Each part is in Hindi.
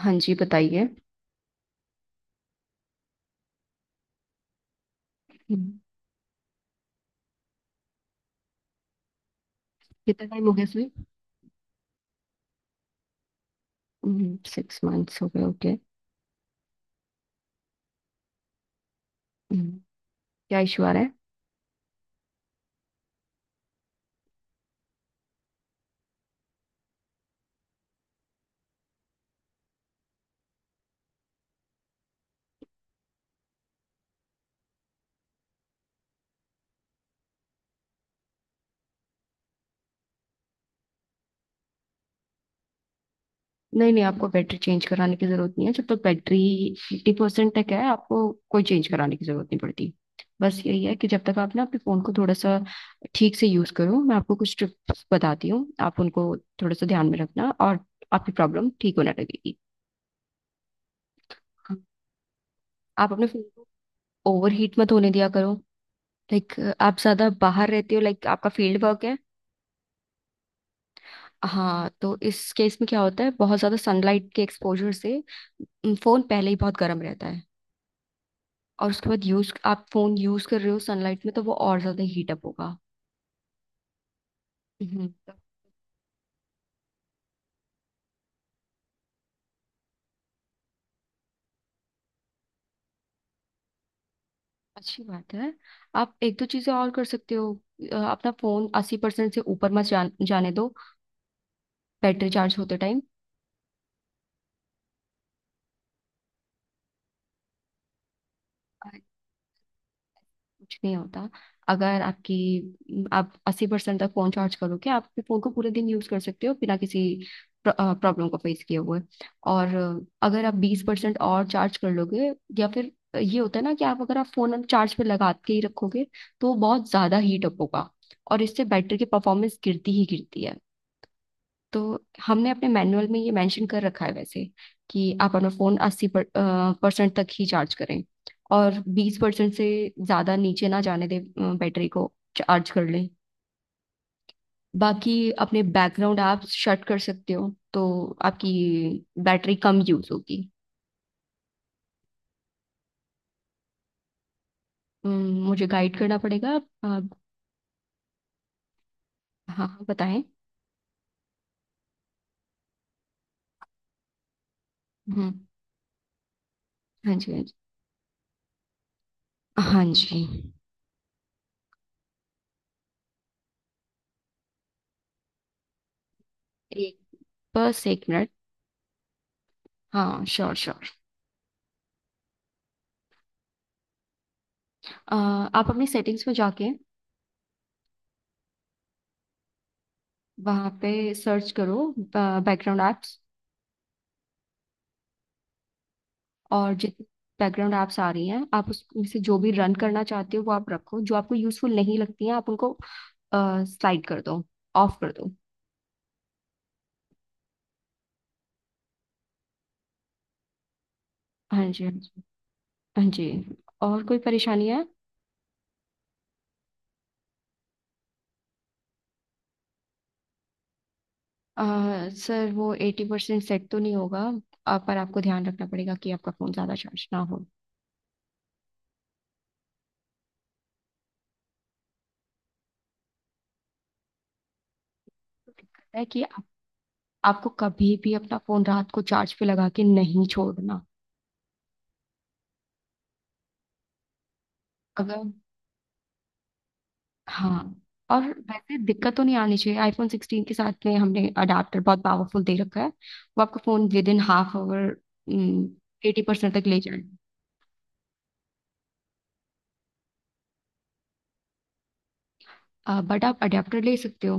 हाँ जी बताइए। हम्म, कितना टाइम हो गया सुई। सिक्स मंथ्स हो गए, ओके। क्या इशू आ रहा है? नहीं नहीं, आपको बैटरी चेंज कराने की जरूरत नहीं है जब तक बैटरी 50% परसेंट तक है। आपको कोई चेंज कराने की जरूरत नहीं पड़ती। बस यही है कि जब तक आप ना अपने फोन को थोड़ा सा ठीक से यूज करो। मैं आपको कुछ टिप्स बताती हूँ, आप उनको थोड़ा सा ध्यान में रखना, और आपकी प्रॉब्लम ठीक होने लगेगी। आप अपने फोन को ओवर हीट मत होने दिया करो। लाइक, आप ज्यादा बाहर रहते हो, लाइक आपका फील्ड वर्क है? हाँ, तो इस केस में क्या होता है, बहुत ज्यादा सनलाइट के एक्सपोजर से फोन पहले ही बहुत गर्म रहता है। और उसके बाद यूज, आप फोन यूज कर रहे हो सनलाइट में, तो वो और ज्यादा हीट अप होगा। तो अच्छी बात है। आप एक दो चीजें और कर सकते हो। अपना फोन 80% से ऊपर मत जाने दो बैटरी चार्ज होते टाइम। कुछ नहीं होता, अगर आपकी आप अस्सी परसेंट तक फोन चार्ज करोगे आप अपने फोन को पूरे दिन यूज कर सकते हो बिना किसी प्रॉब्लम को फेस किए हुए। और अगर आप 20% और चार्ज कर लोगे, या फिर ये होता है ना कि आप, अगर आप फोन चार्ज पे लगा के ही रखोगे तो वो बहुत ज्यादा हीट अप होगा। और इससे बैटरी की परफॉर्मेंस गिरती ही गिरती है। तो हमने अपने मैनुअल में ये मेंशन कर रखा है वैसे, कि आप अपना फोन अस्सी परसेंट तक ही चार्ज करें और बीस परसेंट से ज्यादा नीचे ना जाने दें। बैटरी को चार्ज कर लें। बाकी अपने बैकग्राउंड आप शट कर सकते हो तो आपकी बैटरी कम यूज होगी। मुझे गाइड करना पड़ेगा हाँ हाँ, बताएं। हम्म। हाँ जी, हाँ जी। हाँ जी। एक, बस एक मिनट। हाँ, श्योर श्योर। आप अपनी सेटिंग्स में जाके वहाँ पे सर्च करो बैकग्राउंड एप्स। और जितनी बैकग्राउंड एप्स आ रही हैं आप उसमें से जो भी रन करना चाहते हो वो आप रखो, जो आपको यूजफुल नहीं लगती हैं आप उनको स्लाइड कर दो, ऑफ कर दो। हाँ जी, हाँ जी। हाँ जी। और कोई परेशानी है? अ, सर वो 80% सेट तो नहीं होगा। पर आपको ध्यान रखना पड़ेगा कि आपका फ़ोन ज़्यादा चार्ज ना हो। तो दिक्कत है कि आपको कभी भी अपना फ़ोन रात को चार्ज पे लगा के नहीं छोड़ना। अगर, हाँ। और वैसे दिक्कत तो नहीं आनी चाहिए आईफोन 16 के साथ में। हमने अडाप्टर बहुत पावरफुल दे रखा है, वो आपका phone within half our 80% तक ले जाए। बट आप अडाप्टर ले सकते हो।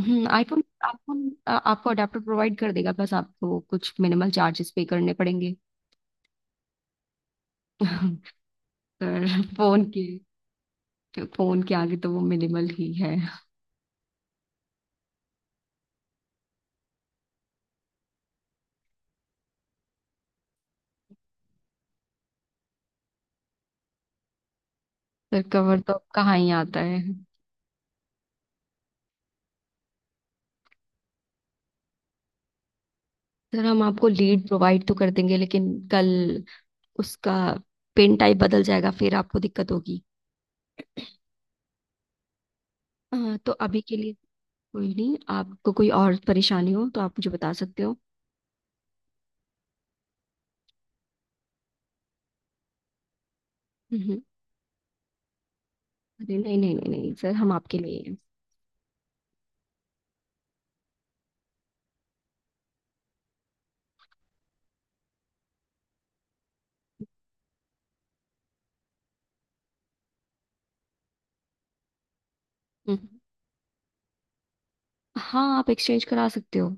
हम्म। आईफोन आईफोन आपको अडाप्टर प्रोवाइड कर देगा, बस आपको कुछ मिनिमल चार्जेस पे करने पड़ेंगे। पर फोन के फोन के आगे तो वो मिनिमल ही है। सर कवर तो अब कहाँ ही आता है। सर हम आपको लीड प्रोवाइड तो कर देंगे, लेकिन कल उसका पेन टाइप बदल जाएगा, फिर आपको दिक्कत होगी। हाँ, तो अभी के लिए कोई नहीं। आपको कोई और परेशानी हो तो आप मुझे बता सकते हो। हम्म, अरे नहीं नहीं नहीं नहीं सर, हम आपके लिए ही हैं। हम्म, हाँ, आप एक्सचेंज करा सकते हो।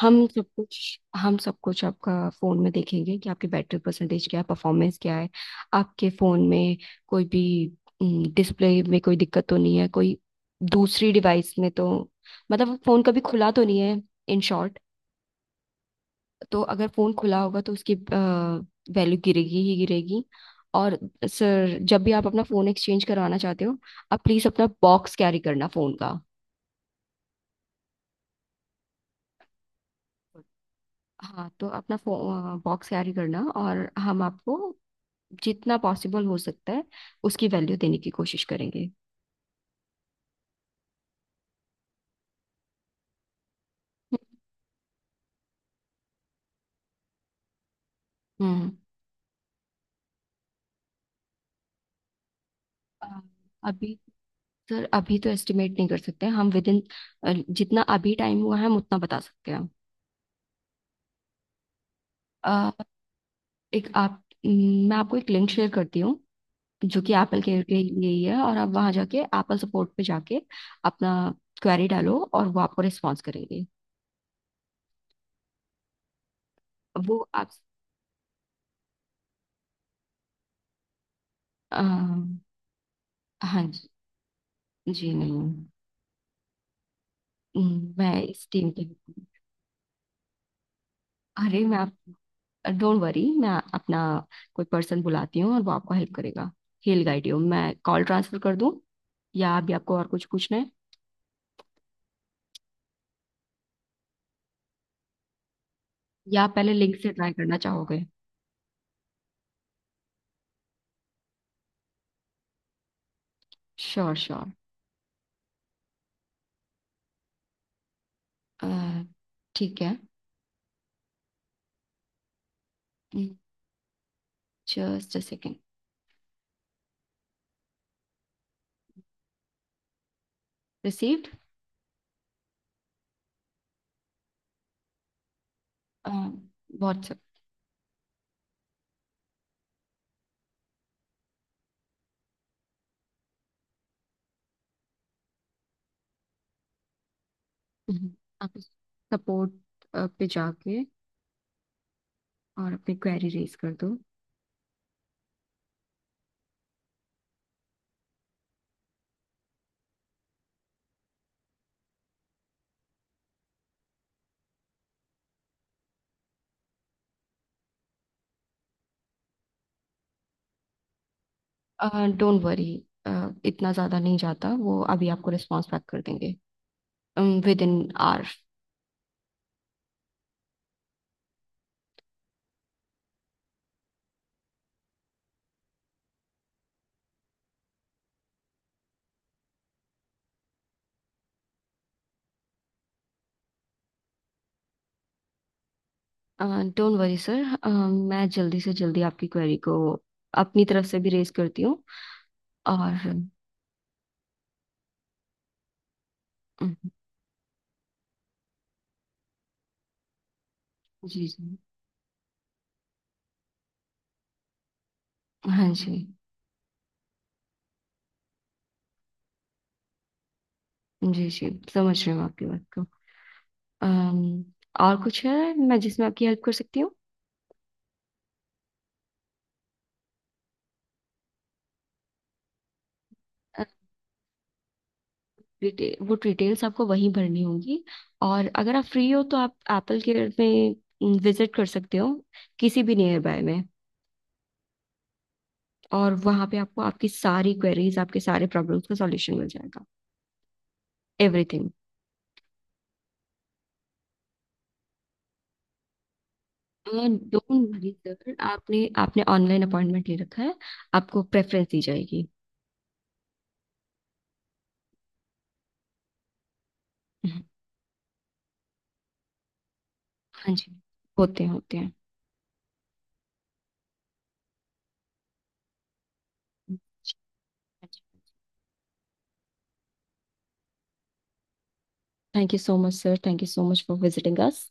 हम सब कुछ आपका फोन में देखेंगे कि आपकी बैटरी परसेंटेज क्या है, परफॉर्मेंस क्या है। आपके फोन में कोई भी डिस्प्ले में कोई दिक्कत तो नहीं है, कोई दूसरी डिवाइस में तो, मतलब फोन कभी खुला तो नहीं है, इन शॉर्ट। तो अगर फोन खुला होगा तो उसकी वैल्यू गिरेगी ही गिरेगी। और सर जब भी आप अपना फोन एक्सचेंज करवाना चाहते हो, आप प्लीज अपना बॉक्स कैरी करना फोन का। हाँ, तो अपना बॉक्स कैरी करना, और हम आपको जितना पॉसिबल हो सकता है उसकी वैल्यू देने की कोशिश करेंगे। हम्म। अ, अभी सर अभी तो एस्टिमेट नहीं कर सकते हैं हम विद इन। जितना अभी टाइम हुआ है हम उतना बता सकते हैं। अ, एक आप मैं आपको एक लिंक शेयर करती हूँ। जो कि एप्पल केयर के लिए ही है, और आप वहां जाके एप्पल सपोर्ट पे जाके अपना क्वेरी डालो, और वो आपको रिस्पॉन्स करेंगे। वो आप, आ, हाँ जी। जी नहीं। मैं इस टीम के, अरे मैं आप, डोंट वरी, मैं अपना कोई पर्सन बुलाती हूँ और वो आपको हेल्प करेगा, हेल गाइड यू। मैं कॉल ट्रांसफर कर दूँ, या अभी आपको और कुछ पूछना है, या आप पहले लिंक से ट्राई करना चाहोगे? श्योर श्योर, ठीक है। Just uh second. Received. WhatsApp. आप सपोर्ट पे जाके और अपनी क्वेरी रेज कर दो। डोंट वरी, इतना ज़्यादा नहीं जाता, वो अभी आपको रिस्पॉन्स बैक कर देंगे within hour. Don't worry sir, मैं जल्दी से जल्दी आपकी क्वेरी को अपनी तरफ से भी रेज करती हूँ। और अम, जी जी। हाँ जी। जी जी, समझ रही हूँ आपकी बात को। अम, और कुछ है मैं जिसमें आपकी हेल्प कर सकती हूँ? वो डिटेल्स आपको वहीं भरनी होगी। और अगर आप फ्री हो तो आप एप्पल केयर में विजिट कर सकते हो किसी भी नियर बाय में। और वहाँ पे आपको आपकी सारी क्वेरीज, आपके सारे प्रॉब्लम्स का सॉल्यूशन मिल जाएगा, एवरीथिंग। डोंट वरी सर, आपने आपने ऑनलाइन अपॉइंटमेंट ले रखा है, आपको प्रेफरेंस दी जाएगी। हम्म, हाँ जी। होते हैं, होते हैं। Thank you so much sir, thank you so much for visiting us.